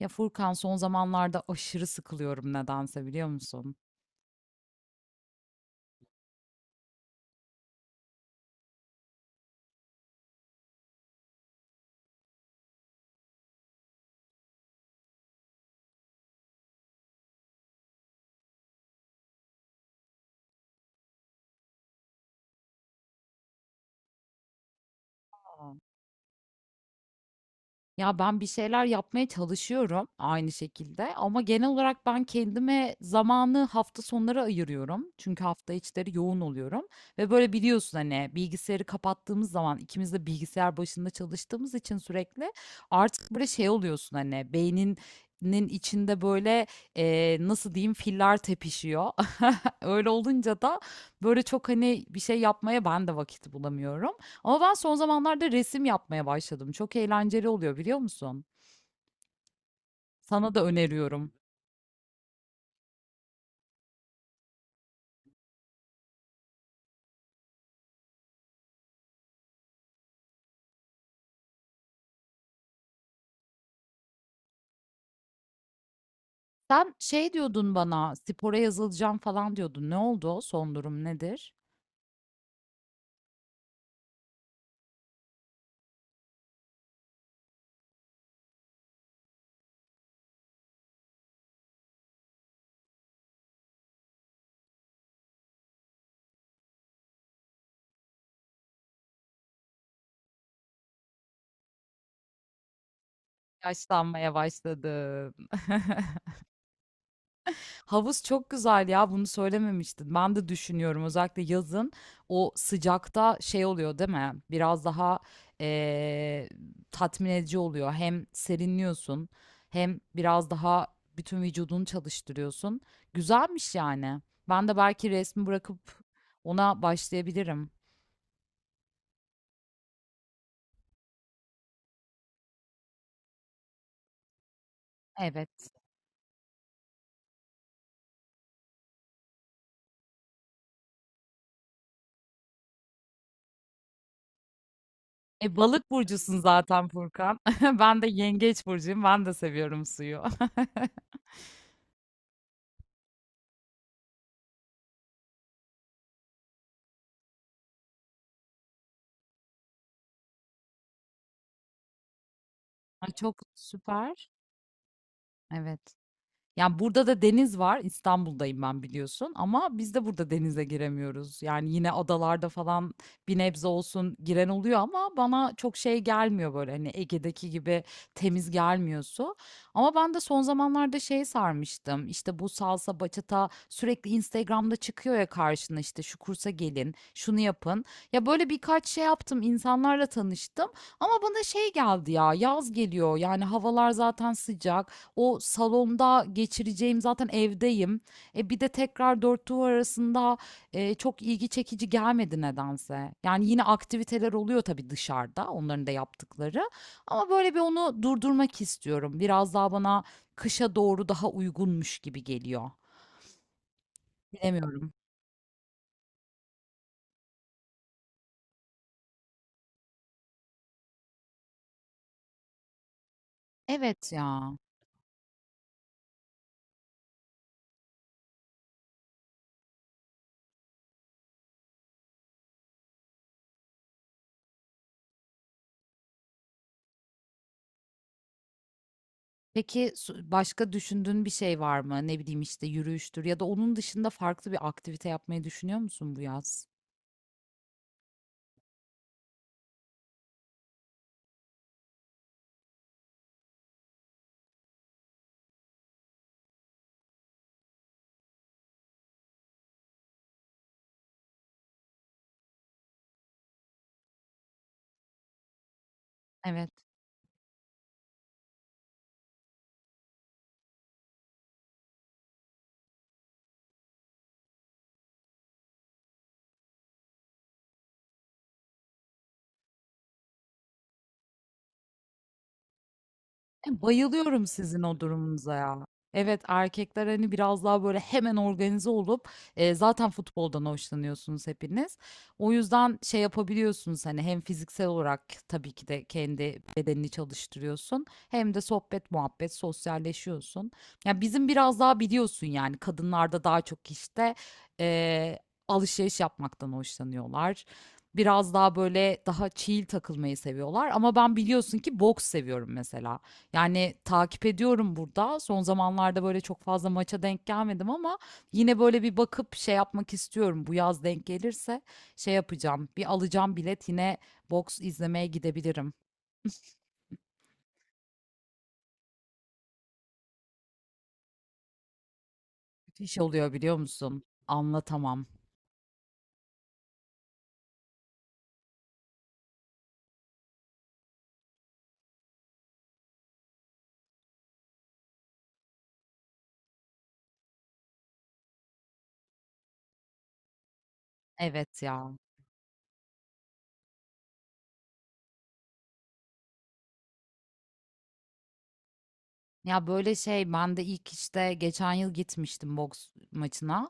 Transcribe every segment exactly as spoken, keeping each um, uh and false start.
Ya Furkan son zamanlarda aşırı sıkılıyorum nedense biliyor musun? Aa. Ya ben bir şeyler yapmaya çalışıyorum aynı şekilde ama genel olarak ben kendime zamanı hafta sonları ayırıyorum. Çünkü hafta içleri yoğun oluyorum ve böyle biliyorsun hani bilgisayarı kapattığımız zaman ikimiz de bilgisayar başında çalıştığımız için sürekli artık böyle şey oluyorsun hani beyninin içinde böyle e, nasıl diyeyim filler tepişiyor. Öyle olunca da böyle çok hani bir şey yapmaya ben de vakit bulamıyorum. Ama ben son zamanlarda resim yapmaya başladım. Çok eğlenceli oluyor biliyor musun? Sana da öneriyorum. Sen şey diyordun bana, spora yazılacağım falan diyordun. Ne oldu? Son durum nedir? Yaşlanmaya başladım. Havuz çok güzel ya, bunu söylememiştin. Ben de düşünüyorum özellikle yazın o sıcakta şey oluyor değil mi? Biraz daha eee, tatmin edici oluyor. Hem serinliyorsun hem biraz daha bütün vücudunu çalıştırıyorsun. Güzelmiş yani. Ben de belki resmi bırakıp ona başlayabilirim. Evet. E, balık burcusun zaten Furkan. Ben de yengeç burcuyum. Ben de seviyorum suyu. Ay, çok süper. Evet. Yani burada da deniz var. İstanbul'dayım ben biliyorsun ama biz de burada denize giremiyoruz. Yani yine adalarda falan bir nebze olsun giren oluyor ama bana çok şey gelmiyor, böyle hani Ege'deki gibi temiz gelmiyor su. Ama ben de son zamanlarda şey sarmıştım. İşte bu salsa, bachata sürekli Instagram'da çıkıyor ya karşına, işte şu kursa gelin, şunu yapın. Ya böyle birkaç şey yaptım, insanlarla tanıştım ama bana şey geldi ya, yaz geliyor. Yani havalar zaten sıcak. O salonda geçireceğim, zaten evdeyim. E bir de tekrar dört duvar arasında e, çok ilgi çekici gelmedi nedense. Yani yine aktiviteler oluyor tabii dışarıda onların da yaptıkları. Ama böyle bir onu durdurmak istiyorum. Biraz daha bana kışa doğru daha uygunmuş gibi geliyor. Bilemiyorum. Evet ya. Peki su- başka düşündüğün bir şey var mı? Ne bileyim işte yürüyüştür ya da onun dışında farklı bir aktivite yapmayı düşünüyor musun bu yaz? Evet. E, Bayılıyorum sizin o durumunuza ya. Evet, erkekler hani biraz daha böyle hemen organize olup e, zaten futboldan hoşlanıyorsunuz hepiniz. O yüzden şey yapabiliyorsunuz hani hem fiziksel olarak tabii ki de kendi bedenini çalıştırıyorsun hem de sohbet muhabbet sosyalleşiyorsun. Ya bizim biraz daha biliyorsun yani kadınlarda daha çok işte e, alışveriş yapmaktan hoşlanıyorlar. Biraz daha böyle daha chill takılmayı seviyorlar ama ben biliyorsun ki boks seviyorum mesela. Yani takip ediyorum burada. Son zamanlarda böyle çok fazla maça denk gelmedim ama yine böyle bir bakıp şey yapmak istiyorum. Bu yaz denk gelirse şey yapacağım. Bir alacağım bilet, yine boks izlemeye gidebilirim. Müthiş oluyor biliyor musun? Anlatamam. Evet ya. Ya böyle şey, ben de ilk işte geçen yıl gitmiştim boks maçına.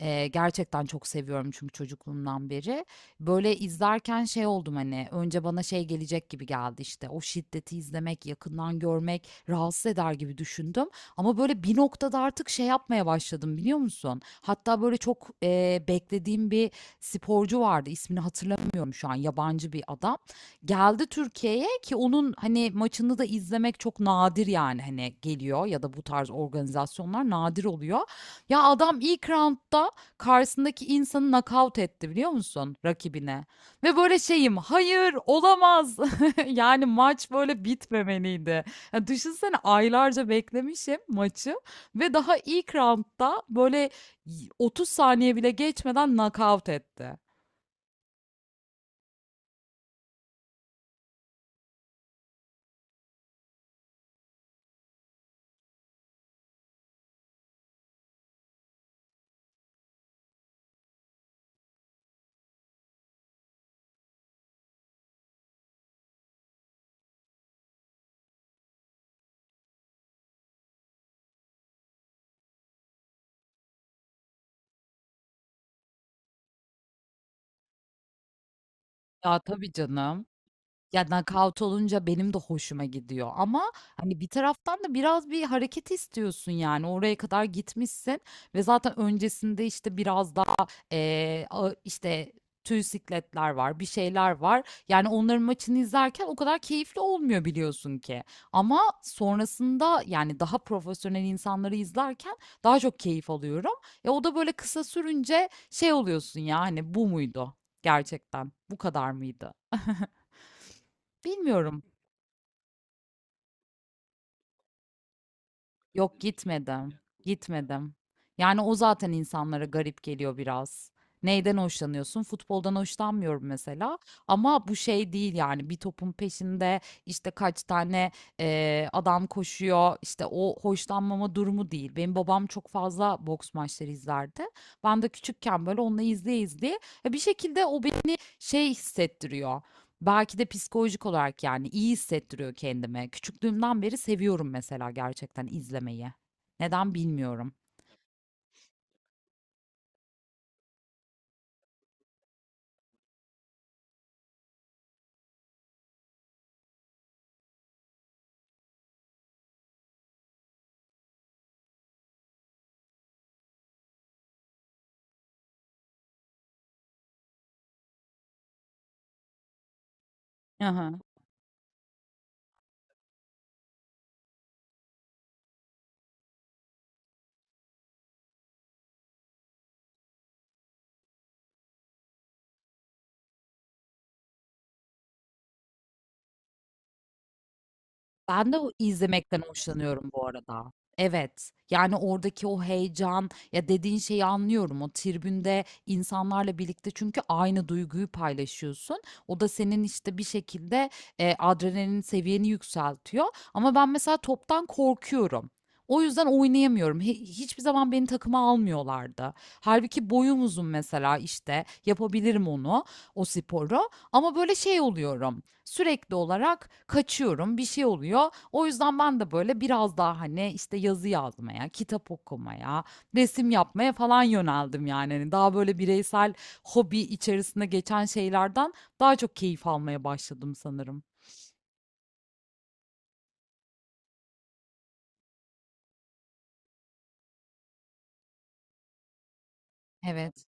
Ee, gerçekten çok seviyorum çünkü çocukluğumdan beri. Böyle izlerken şey oldum hani, önce bana şey gelecek gibi geldi, işte o şiddeti izlemek, yakından görmek rahatsız eder gibi düşündüm. Ama böyle bir noktada artık şey yapmaya başladım biliyor musun? Hatta böyle çok e, beklediğim bir sporcu vardı, ismini hatırlamıyorum şu an, yabancı bir adam. Geldi Türkiye'ye ki onun, hani, maçını da izlemek çok nadir, yani, hani, geliyor ya da bu tarz organizasyonlar nadir oluyor. Ya, adam ilk raundda karşısındaki insanı nakavt etti, biliyor musun, rakibine. Ve böyle şeyim, "Hayır, olamaz." Yani, maç böyle bitmemeliydi. Ya, düşünsene aylarca beklemişim maçı ve daha ilk raundda böyle y otuz saniye bile geçmeden nakavt etti. Ya, tabii canım. Ya, knockout olunca benim de hoşuma gidiyor ama, hani, bir taraftan da biraz bir hareket istiyorsun, yani. Oraya kadar gitmişsin ve zaten öncesinde, işte, biraz daha, eee, ağı işte, tüy sikletler var, bir şeyler var. Yani, onların maçını izlerken o kadar keyifli olmuyor biliyorsun ki, ama sonrasında, yani, daha profesyonel insanları izlerken daha çok keyif alıyorum. Ya o da böyle kısa sürünce şey oluyorsun ya, hani, bu muydu gerçekten, bu kadar mıydı? Bilmiyorum. Yok, gitmedim, gitmedim. Yani o zaten insanlara garip geliyor biraz. Neyden hoşlanıyorsun? Futboldan hoşlanmıyorum mesela. Ama bu şey değil yani, bir topun peşinde işte kaç tane eee, adam koşuyor. İşte o, hoşlanmama durumu değil. Benim babam çok fazla boks maçları izlerdi. Ben de küçükken böyle onunla izleye izleye ya, bir şekilde o beni şey hissettiriyor. Belki de psikolojik olarak yani iyi hissettiriyor kendime. Küçüklüğümden beri seviyorum mesela, gerçekten izlemeyi. Neden bilmiyorum. Aha. Ben de o izlemekten hoşlanıyorum bu arada. Evet. Yani oradaki o heyecan ya, dediğin şeyi anlıyorum. O tribünde insanlarla birlikte çünkü aynı duyguyu paylaşıyorsun. O da senin işte bir şekilde e, adrenalin seviyeni yükseltiyor. Ama ben mesela toptan korkuyorum. O yüzden oynayamıyorum. Hi- Hiçbir zaman beni takıma almıyorlardı. Halbuki boyum uzun, mesela işte yapabilirim onu, o sporu. Ama böyle şey oluyorum. Sürekli olarak kaçıyorum, bir şey oluyor. O yüzden ben de böyle biraz daha hani işte yazı yazmaya, kitap okumaya, resim yapmaya falan yöneldim yani. Hani daha böyle bireysel hobi içerisinde geçen şeylerden daha çok keyif almaya başladım sanırım. Evet.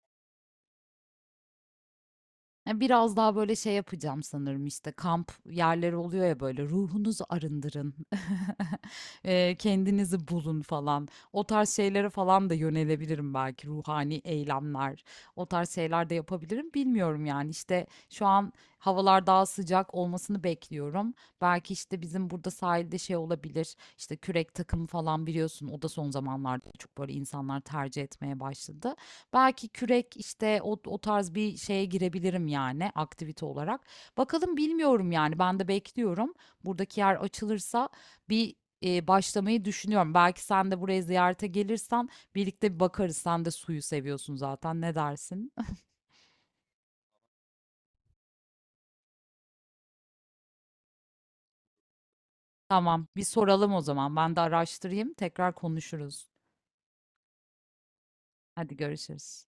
Ya, biraz daha böyle şey yapacağım sanırım, işte kamp yerleri oluyor ya, böyle ruhunuzu arındırın, Eee, kendinizi bulun falan. O tarz şeylere falan da yönelebilirim, belki ruhani eylemler, o tarz şeyler de yapabilirim bilmiyorum yani, işte şu an havalar daha sıcak olmasını bekliyorum. Belki işte bizim burada sahilde şey olabilir, işte kürek takımı falan, biliyorsun o da son zamanlarda çok böyle insanlar tercih etmeye başladı. Belki kürek, işte o, o tarz bir şeye girebilirim yani aktivite olarak. Bakalım, bilmiyorum yani, ben de bekliyorum. Buradaki yer açılırsa bir e, başlamayı düşünüyorum. Belki sen de buraya ziyarete gelirsen birlikte bir bakarız. Sen de suyu seviyorsun zaten, ne dersin? Tamam, bir soralım o zaman, ben de araştırayım, tekrar konuşuruz. Hadi görüşürüz.